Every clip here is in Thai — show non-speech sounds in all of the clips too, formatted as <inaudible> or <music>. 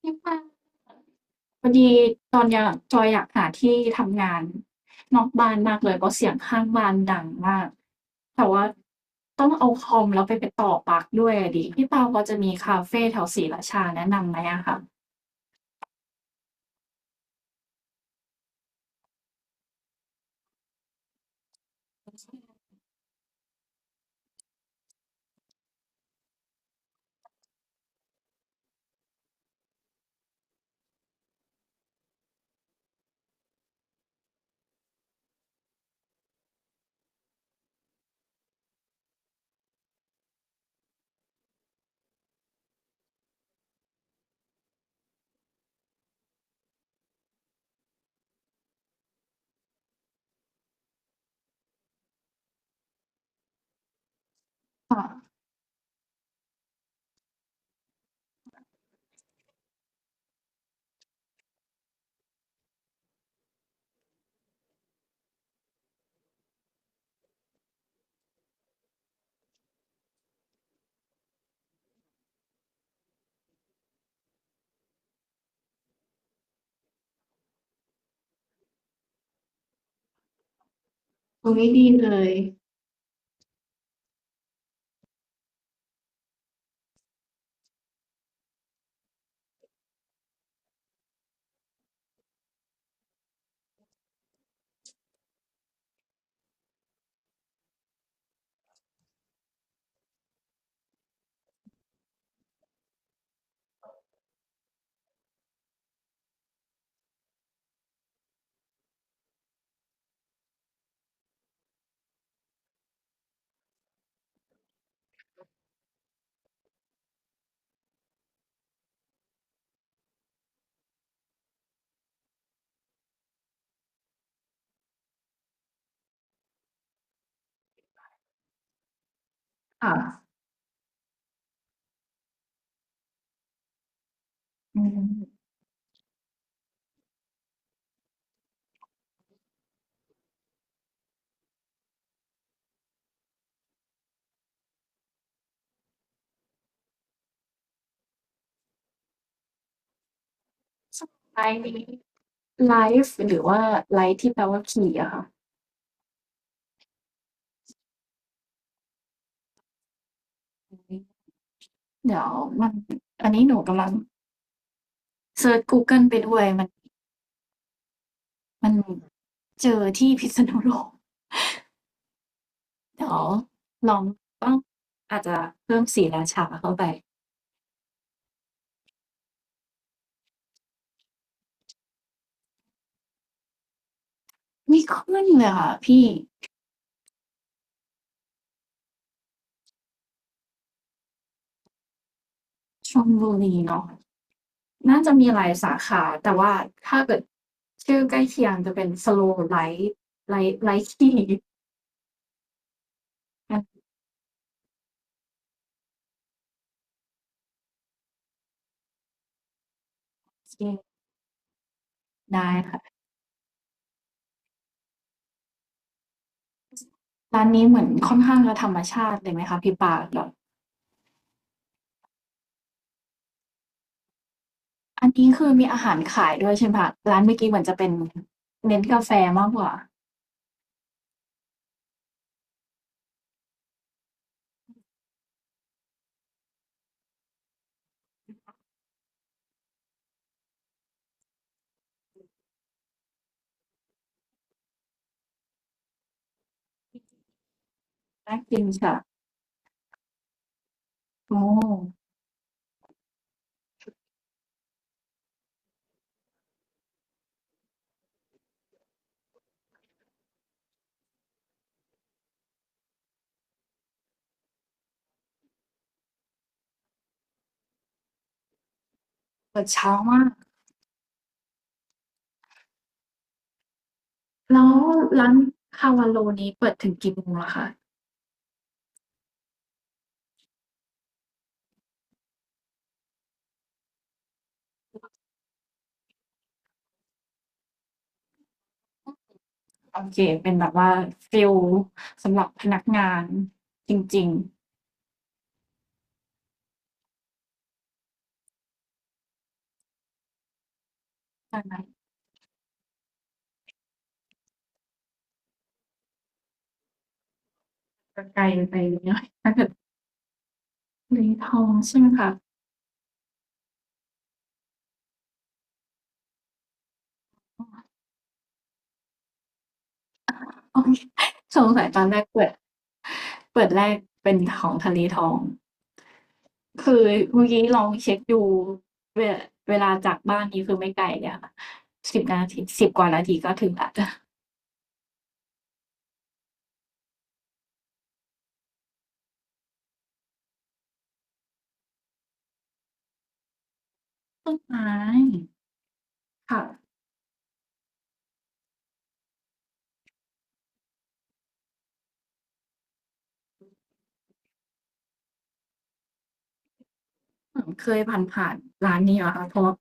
ที่บ้านพอดีตอนเนี้ยจอยอยากหาที่ทำงานนอกบ้านมากเลยเพราะเสียงข้างบ้านดังมากแต่ว่าต้องเอาคอมแล้วไปต่อปลั๊กด้วยอะดิพี่เปาพอจะมีคาเฟแถวศรีราชาแนะนำไหมอะคะค่ะตรงนี้ดีเลยค่ะอืมสไลฟ์นี้ไลฟ์หรือว่าไลฟ์ที่แปลว่าขี่อะค่ะเดี๋ยวมันอันนี้หนูกำลังเซิร์ชกูเกิลไปด้วยมันเจอที่พิษณุโลก เดี๋ยวลองต้องอาจจะเพิ่มศรีราชาเข้าไปไม่ขึ้นเลยค่ะพี่ชลบุรีเนาะน่าจะมีหลายสาขาแต่ว่าถ้าเกิดชื่อใกล้เคียงจะเป็น Slow Light Light Light Tea โอเคได้ค่ะร้านนี้เหมือนค่อนข้างจะธรรมชาติเลยไหมคะพี่ปาแบบอันนี้คือมีอาหารขายด้วยใช่ไหมคะร้านเมื่อกี้เหมือนจะเป็นเน้นกาแฟมากกว่าน่ากินค่ะโอ้เปิดเช้ามาก แล้วร้านคาวาโลนี้เปิดถึงกี่โมงเหรอคะโอเคเป็นแบบว่าฟิลสำหรับพนักงานจริงๆใช่ไหมจะไกลไปนิดหน่อยทะเลทองใช่ไหมคะโอเคสงสัยตอนแรกเปิดเปิดแรกเป็นของทะเลทองคือเมื่อกี้ลองเช็คดูเวลาเวลาจากบ้านนี้คือไม่ไกลเลยค่ะ10 นาที10 กว่านาทีก็ถึงแลวจ้ะใช่ค่ะเหมือนเคยผ่านผ่านๆร้านนี้เหรอคะเพราะว่า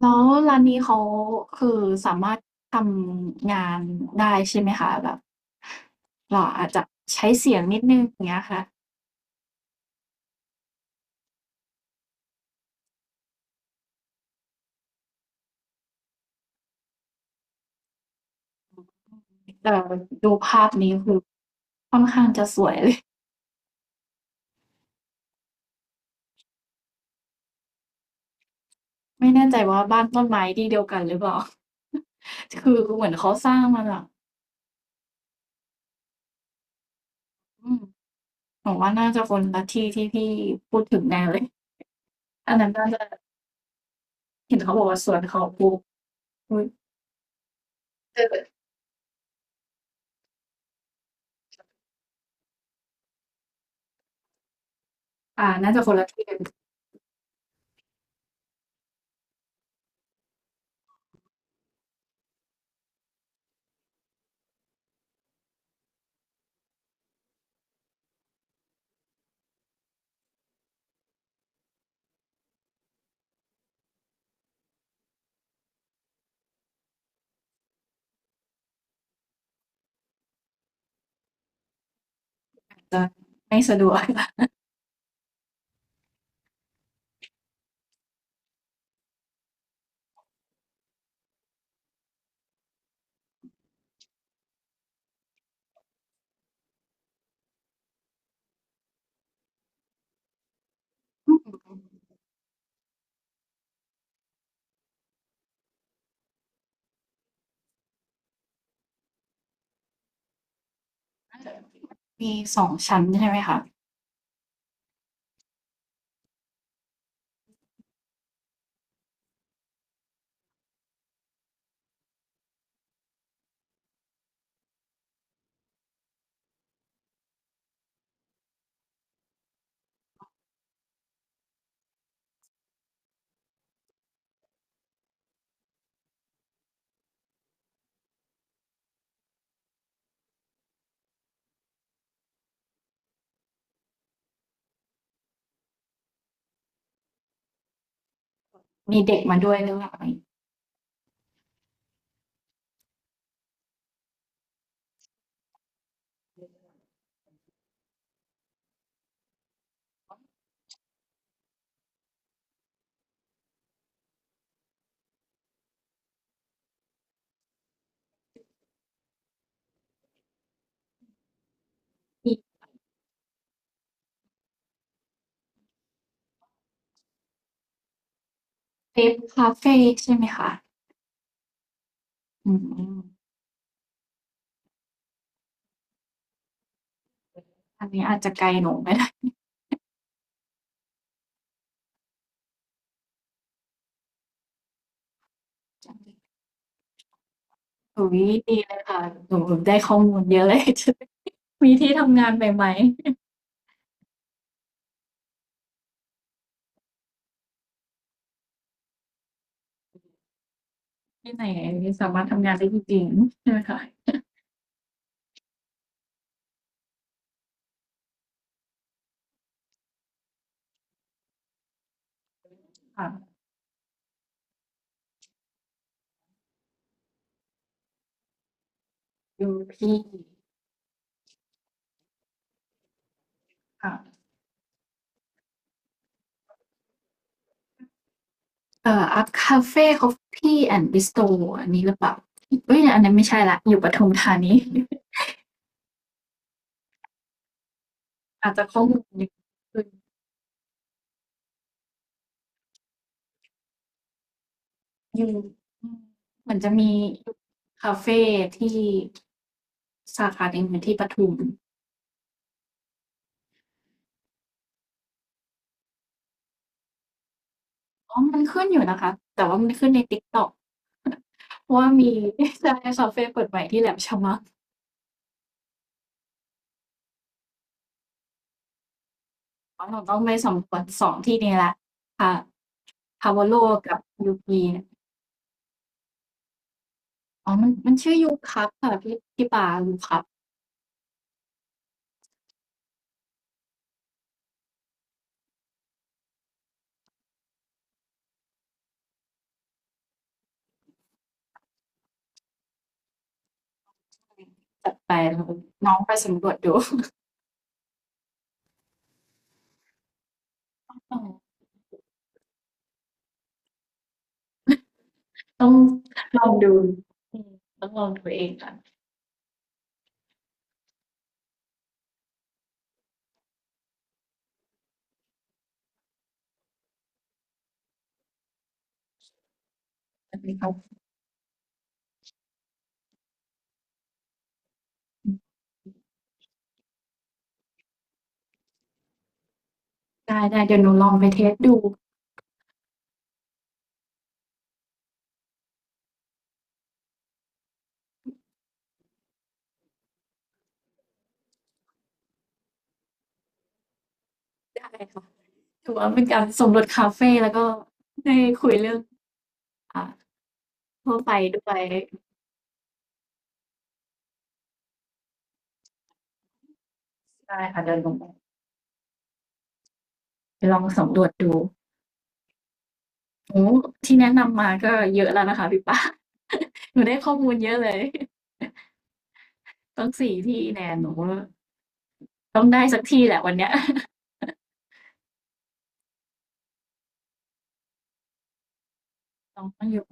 แล้วร้านนี้เขาคือสามารถทำงานได้ใช่ไหมคะแบบเราอาจจะใช้เสียงนิดหนึ่งอย่างเงี้ยค่ะแต่ดูภาพนี้คือค่อนข้างจะสวยเลย <laughs> ไม่แน่ใจว่าบ้านต้นไม้ที่เดียวกันหรือเปล่า <laughs> คือเหมือนเขาสร้างมาแบบอืมหนูว่าน่าจะคนละที่พี่พูดถึงแน่เลยอันนั้นน่าจะเห็นเขาบอกว่าสวนเขาปลูกอุ๊ยเอออ่าน่าจะคนละที่กัน <laughs> จะไม่สะดวก <laughs> อืมน่าจะ มี2 ชั้นใช่ไหมคะมีเด็กมาด้วยหรือเปล่ามีเทปคาเฟ่ใช่ไหมคะอืมอันนี้อาจจะไกลหนูไม่ไดอุ๊ย <laughs> ดีเลยค่ะหนูได้ข้อมูลเยอะเลย <laughs> มีที่ทำงานใหม่ๆที่ไหนสามารถทำงานได้จริงๆใช่ไหมคะค่ะดูพี่ค่ะเอ่ออัพคาเฟ่คอฟฟี่แอนด์บิสตอันนี้หรือเปล่าเอ้ยอันนั้นไม่ใช่ละอยู่ปทุมธานี <laughs> อาจจะข้อมูลเยอะขึ้น อยู่อืมเหมือนจะมีคาเฟที่สาขาหนึ่งอยู่ที่ปทุมอ๋อมันขึ้นอยู่นะคะแต่ว่ามันขึ้นใน TikTok ว่ามี <laughs> ใช่คาเฟเปิดใหม่ที่แหลมฉบังอ๋อเราต้องไปสำรวจ2 ที่นี้แล้วค่ะ Pavolo กับ Yuki อ๋อมันชื่อ Yucap ค่ะพี่พี่ปา Yucap จัดไปลน้องไปสำรวจดูเออต้องลองดูอืมต้องลองดูเองค่ะอันนี้เขา ได้ๆเดี๋ยวหนูลองไปเทสดูได้ค่ะถือว่าเป็นการสำรวจคาเฟแล้วก็ได้คุยเรื่องอ่าทั่วไปด้วยได้ค่ะเดี๋ยวหนูไปลองสำรวจดูโอ้โฮที่แนะนำมาก็เยอะแล้วนะคะพี่ปา <laughs> หนูได้ข้อมูลเยอะเลยต้อง4 ที่แน่หนูว่าต้องได้สักที่แหละวันเนี้ย <laughs> น้องก็อยู่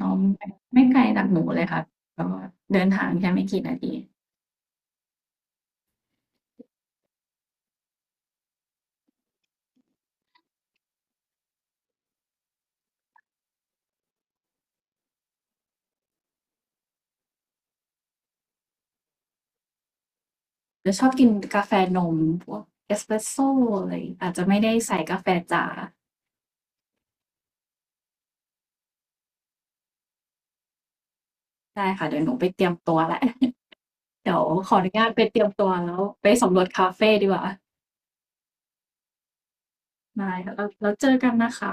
น้องไม่ไม่ไกลจากหนูเลยค่ะก็เดินทางแค่ไม่กี่นาทีจะชอบกินกาแฟนมพวกเอสเปรสโซอะไรอาจจะไม่ได้ใส่กาแฟจ๋า ได้ค่ะเดี๋ยวหนูไปเตรียมตัวแล้ว <laughs> เดี๋ยวขออนุญาตไปเตรียมตัวแล้วไปสำรวจคาเฟดีกว่าได้ค่ะแล้วเจอกันนะคะ